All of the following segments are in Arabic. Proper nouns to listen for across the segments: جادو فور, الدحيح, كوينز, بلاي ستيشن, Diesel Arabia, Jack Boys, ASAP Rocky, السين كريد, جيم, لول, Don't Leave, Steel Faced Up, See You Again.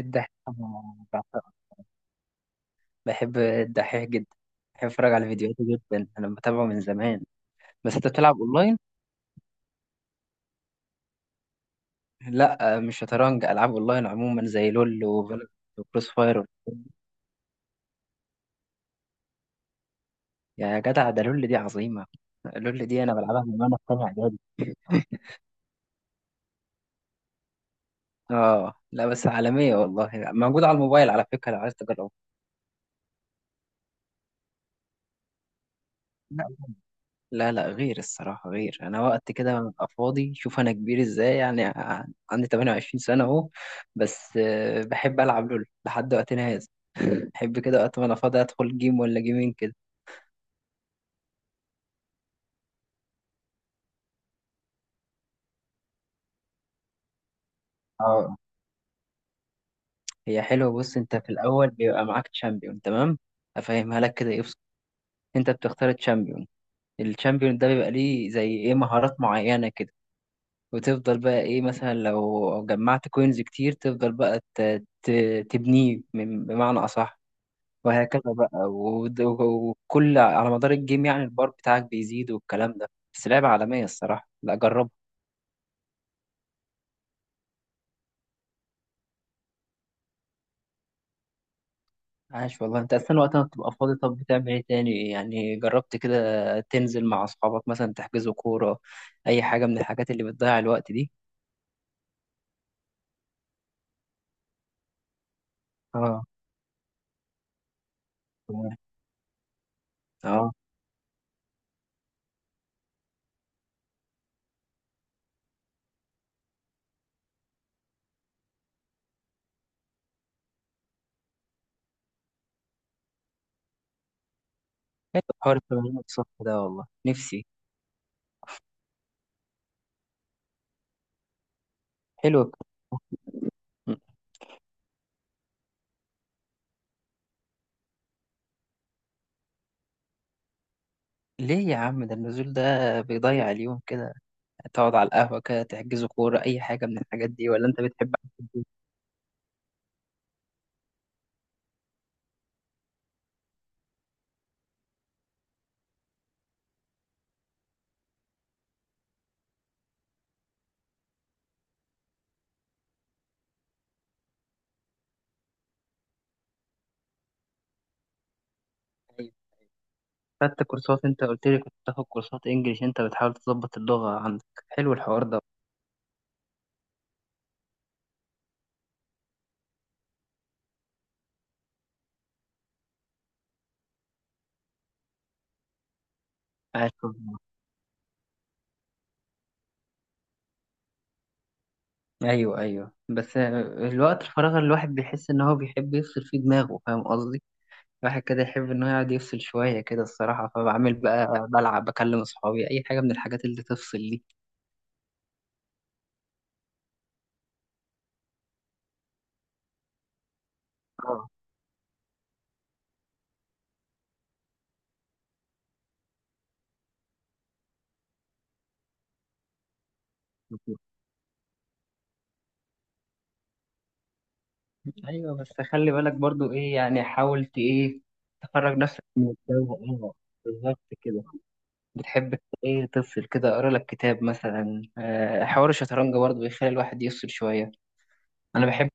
الدحيح أنا بعشقه. بحب الدحيح جدا، بحب اتفرج على فيديوهاته جدا، انا بتابعه من زمان. بس انت بتلعب اونلاين؟ لا، مش شطرنج، العاب اونلاين عموما زي لول وفالورانت وكروس فاير. يا جدع ده لول دي عظيمه، لول دي انا بلعبها من وانا في تانية اعدادي. اه لا، بس عالميه والله، موجوده على الموبايل على فكره لو عايز تجربها. لا لا لا، غير الصراحه، غير انا وقت كده ببقى فاضي، شوف انا كبير ازاي، يعني عندي 28 سنه اهو. بس بحب العب لول لحد وقتنا هذا. بحب كده وقت ما انا فاضي ادخل جيم ولا جيمين كده. اه، هي حلوه، بص انت في الاول بيبقى معاك تشامبيون، تمام؟ افهمها لك كده، ايه، بص، انت بتختار تشامبيون، التشامبيون ده بيبقى ليه زي ايه، مهارات معينه كده، وتفضل بقى ايه، مثلا لو جمعت كوينز كتير تفضل بقى تبنيه، بمعنى اصح. وهكذا بقى، وكل على مدار الجيم، يعني البار بتاعك بيزيد والكلام ده. بس لعبه عالميه الصراحه، لا جربها. عاش والله، انت اصلا وقتها بتبقى فاضي، طب بتعمل ايه تاني يعني، جربت كده تنزل مع اصحابك مثلا، تحجزوا كورة، اي حاجة من الحاجات اللي بتضيع الوقت دي. اه، تمام. اه، حلو حوار التمرين الصبح ده والله، نفسي. حلو. م- ليه يا عم، ده النزول ده بيضيع اليوم كده، تقعد على القهوة كده، تحجزوا كورة، اي حاجة من الحاجات دي، ولا انت بتحب قعدة البيت؟ أيوة. خدت كورسات؟ انت قلت لي كنت بتاخد كورسات انجليش، انت بتحاول تظبط اللغة عندك، حلو الحوار ده. عاش والله. ايوه، ايوه، بس الوقت الفراغ الواحد بيحس ان هو بيحب يفصل فيه دماغه، فاهم قصدي؟ الواحد كده يحب انه يقعد يفصل شويه كده الصراحه، فبعمل بقى بلعب، بكلم اصحابي، اي حاجه من الحاجات اللي تفصل دي. اه، بالظبط. ايوه، بس خلي بالك برضو، ايه يعني، حاولت ايه تخرج نفسك من الجو. اه، بالظبط كده. بتحب ايه، تفصل كده، اقرا لك كتاب مثلا، حوار الشطرنج برضو بيخلي الواحد يفصل شويه. انا بحب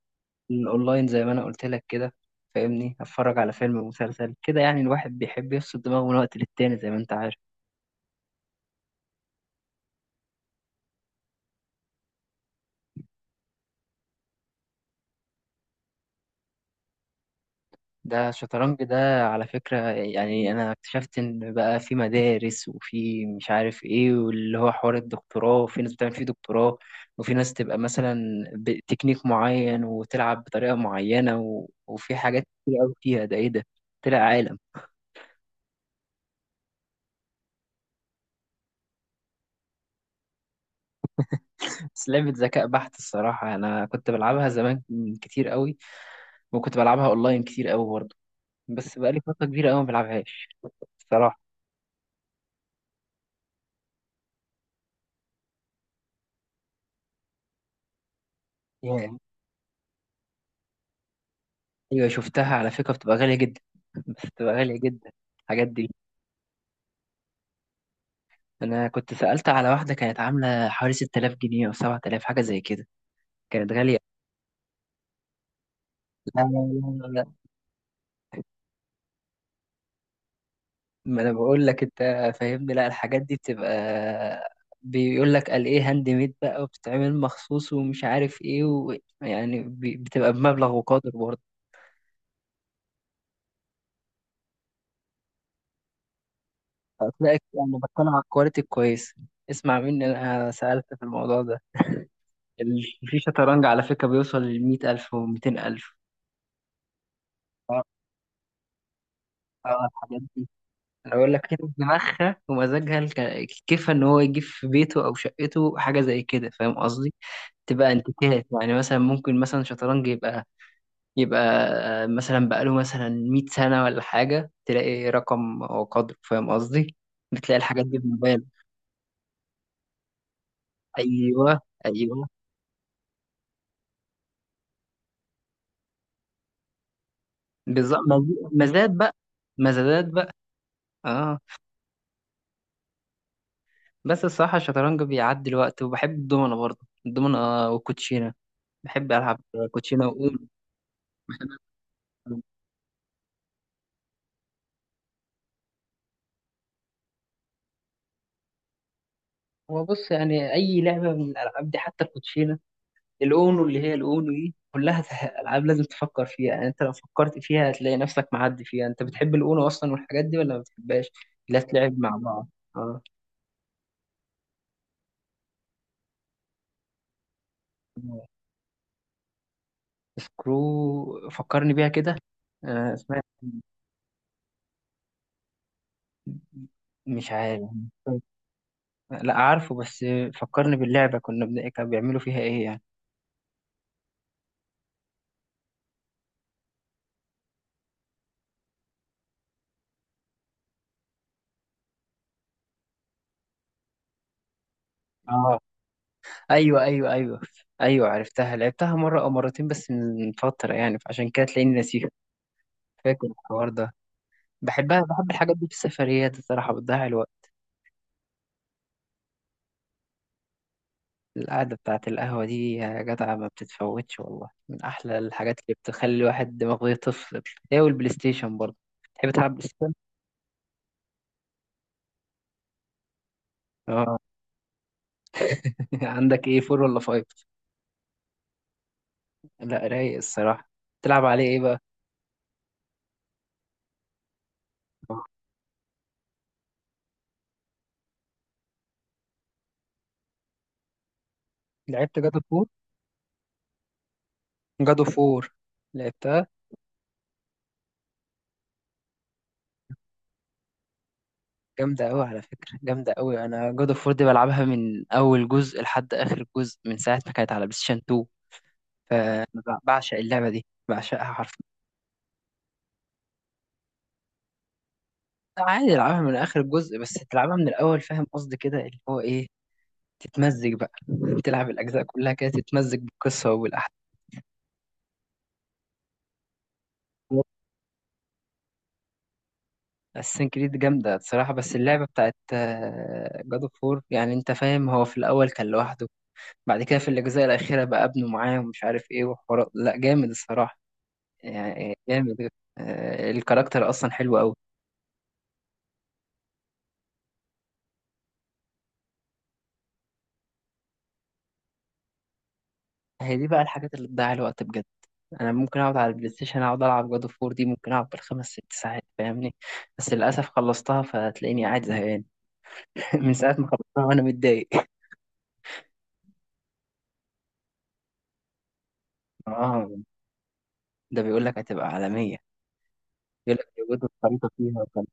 اونلاين زي ما انا قلت لك كده فاهمني، اتفرج على فيلم ومسلسل كده، يعني الواحد بيحب يفصل دماغه من وقت للتاني زي ما انت عارف. ده الشطرنج ده على فكرة، يعني انا اكتشفت ان بقى في مدارس، وفي مش عارف ايه، واللي هو حوار الدكتوراه، وفي ناس بتعمل فيه دكتوراه، وفي ناس تبقى مثلا بتكنيك معين وتلعب بطريقة معينة، وفي حاجات كتير قوي فيها، ده ايه ده، طلع عالم. بس لعبة ذكاء بحت الصراحة، أنا كنت بلعبها زمان كتير قوي، وكنت بلعبها أونلاين كتير قوي برضه، بس بقالي فترة كبيرة قوي ما بلعبهاش. الصراحة ياه، أيوة شفتها على فكرة، بتبقى غالية جدا. بس بتبقى غالية جدا، الحاجات دي. أنا كنت سألت على واحدة كانت عاملة حوالي 6000 جنيه أو 7000، حاجة زي كده، كانت غالية. لا لا لا، ما انا بقول لك انت فاهمني، لا الحاجات دي بتبقى، بيقول لك قال ايه هاند ميد بقى، وبتتعمل مخصوص، ومش عارف ايه، يعني بتبقى بمبلغ وقدر برضه. هتلاقي، انا بتكلم على الكواليتي الكويسه، اسمع مني انا سالت في الموضوع ده، في شطرنج على فكره بيوصل ل 100000 و200000. اه، الحاجات دي، انا بقول لك كده دماغها ومزاجها، كيفها ان هو يجيب في بيته او شقته حاجه زي كده، فاهم قصدي؟ تبقى انتيكات يعني، مثلا ممكن مثلا شطرنج يبقى مثلا بقاله مثلا 100 سنة ولا حاجة، تلاقي رقم وقدره، فاهم قصدي؟ بتلاقي الحاجات دي في موبايل. أيوه، أيوه، بالظبط، مزاد بقى، مزادات بقى. اه، بس الصراحة الشطرنج بيعدي الوقت، وبحب الدومنة برضه، الدومنة والكوتشينة. بحب ألعب كوتشينة وأونو. هو بص يعني، أي لعبة من الألعاب دي، حتى الكوتشينة، الاونو، اللي هي الاونو دي كلها العاب لازم تفكر فيها، يعني انت لو فكرت فيها هتلاقي نفسك معدي فيها. انت بتحب الاونو اصلا والحاجات دي ولا ما بتحبهاش؟ لا تلعب مع بعض. اه، سكرو فكرني بيها كده. اسمها إيه؟ مش عارف. لا عارفه، بس فكرني باللعبة، كانوا بيعملوا فيها ايه يعني. اه، ايوه، ايوه، ايوه. ايوه عرفتها، لعبتها مرة او مرتين بس من فترة يعني، فعشان كده تلاقيني ناسيها، فاكر الحوار ده. بحبها، بحب الحاجات دي في السفريات الصراحة، بتضيع الوقت. القعدة بتاعة القهوة دي يا جدع ما بتتفوتش والله، من أحلى الحاجات اللي بتخلي الواحد دماغه يطفي. هي والبلاي ستيشن برضه. تحب تلعب بلاي ستيشن؟ اه. عندك ايه، فور ولا فايف؟ لا، رايق الصراحة. تلعب عليه ايه بقى؟ لعبت جادو فور؟ جادو فور، لعبتها؟ جامدة أوي على فكرة، جامدة أوي، أنا جادو فور دي بلعبها من أول جزء لحد آخر جزء، من ساعة ما كانت على بلاي ستيشن 2. أنا بعشق اللعبة دي، بعشقها حرفيا. عادي العبها من اخر الجزء، بس تلعبها من الاول فاهم قصدي، كده اللي هو ايه، تتمزج بقى، تلعب الاجزاء كلها كده، تتمزج بالقصه والاحداث. السين كريد جامده الصراحه، بس اللعبه بتاعت جاد اوف وور، يعني انت فاهم، هو في الاول كان لوحده، بعد كده في الاجزاء الاخيره بقى ابنه معاه، ومش عارف ايه، وحوارات، لا جامد الصراحه، يعني جامد، الكاركتر اصلا حلو قوي. هي دي بقى الحاجات اللي بتضيع الوقت بجد، انا ممكن اقعد على البلاي ستيشن اقعد العب جاد اوف وور دي، ممكن اقعد بالخمس ست ساعات فاهمني، بس للاسف خلصتها فتلاقيني قاعد زهقان. من ساعه ما خلصتها وانا متضايق. اه، ده بيقول لك هتبقى عالميه، بيقول لك بيوجدوا الخريطه فيها وكان.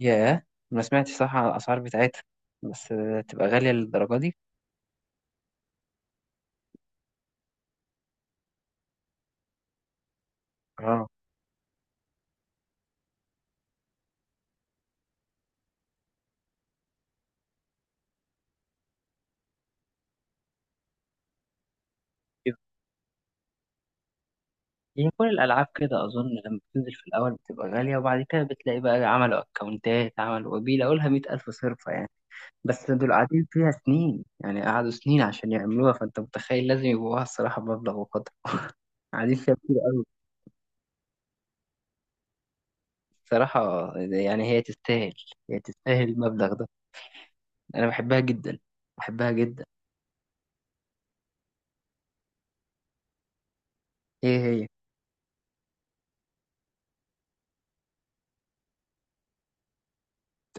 ياه، ما سمعتش صح على الاسعار بتاعتها، بس تبقى غاليه للدرجه دي. اه، يعني كل الالعاب كده اظن لما بتنزل في الاول بتبقى غاليه، وبعد كده بتلاقي بقى عملوا اكونتات، عملوا وبيلاقوا لها 100000 صرفه يعني. بس دول قاعدين فيها سنين يعني، قعدوا سنين عشان يعملوها، فانت متخيل لازم يبقوها الصراحة بمبلغ وقدره. قاعدين فيها كتير قوي الصراحة، يعني هي تستاهل، هي تستاهل المبلغ ده، أنا بحبها جدا. بحبها جدا. هي هي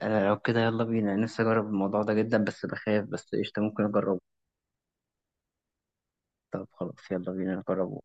أنا لو كده، يلا بينا، أنا نفسي أجرب الموضوع ده جدا، بس بخاف، بس قشطة ممكن أجربه. طب خلاص، يلا بينا نجربه.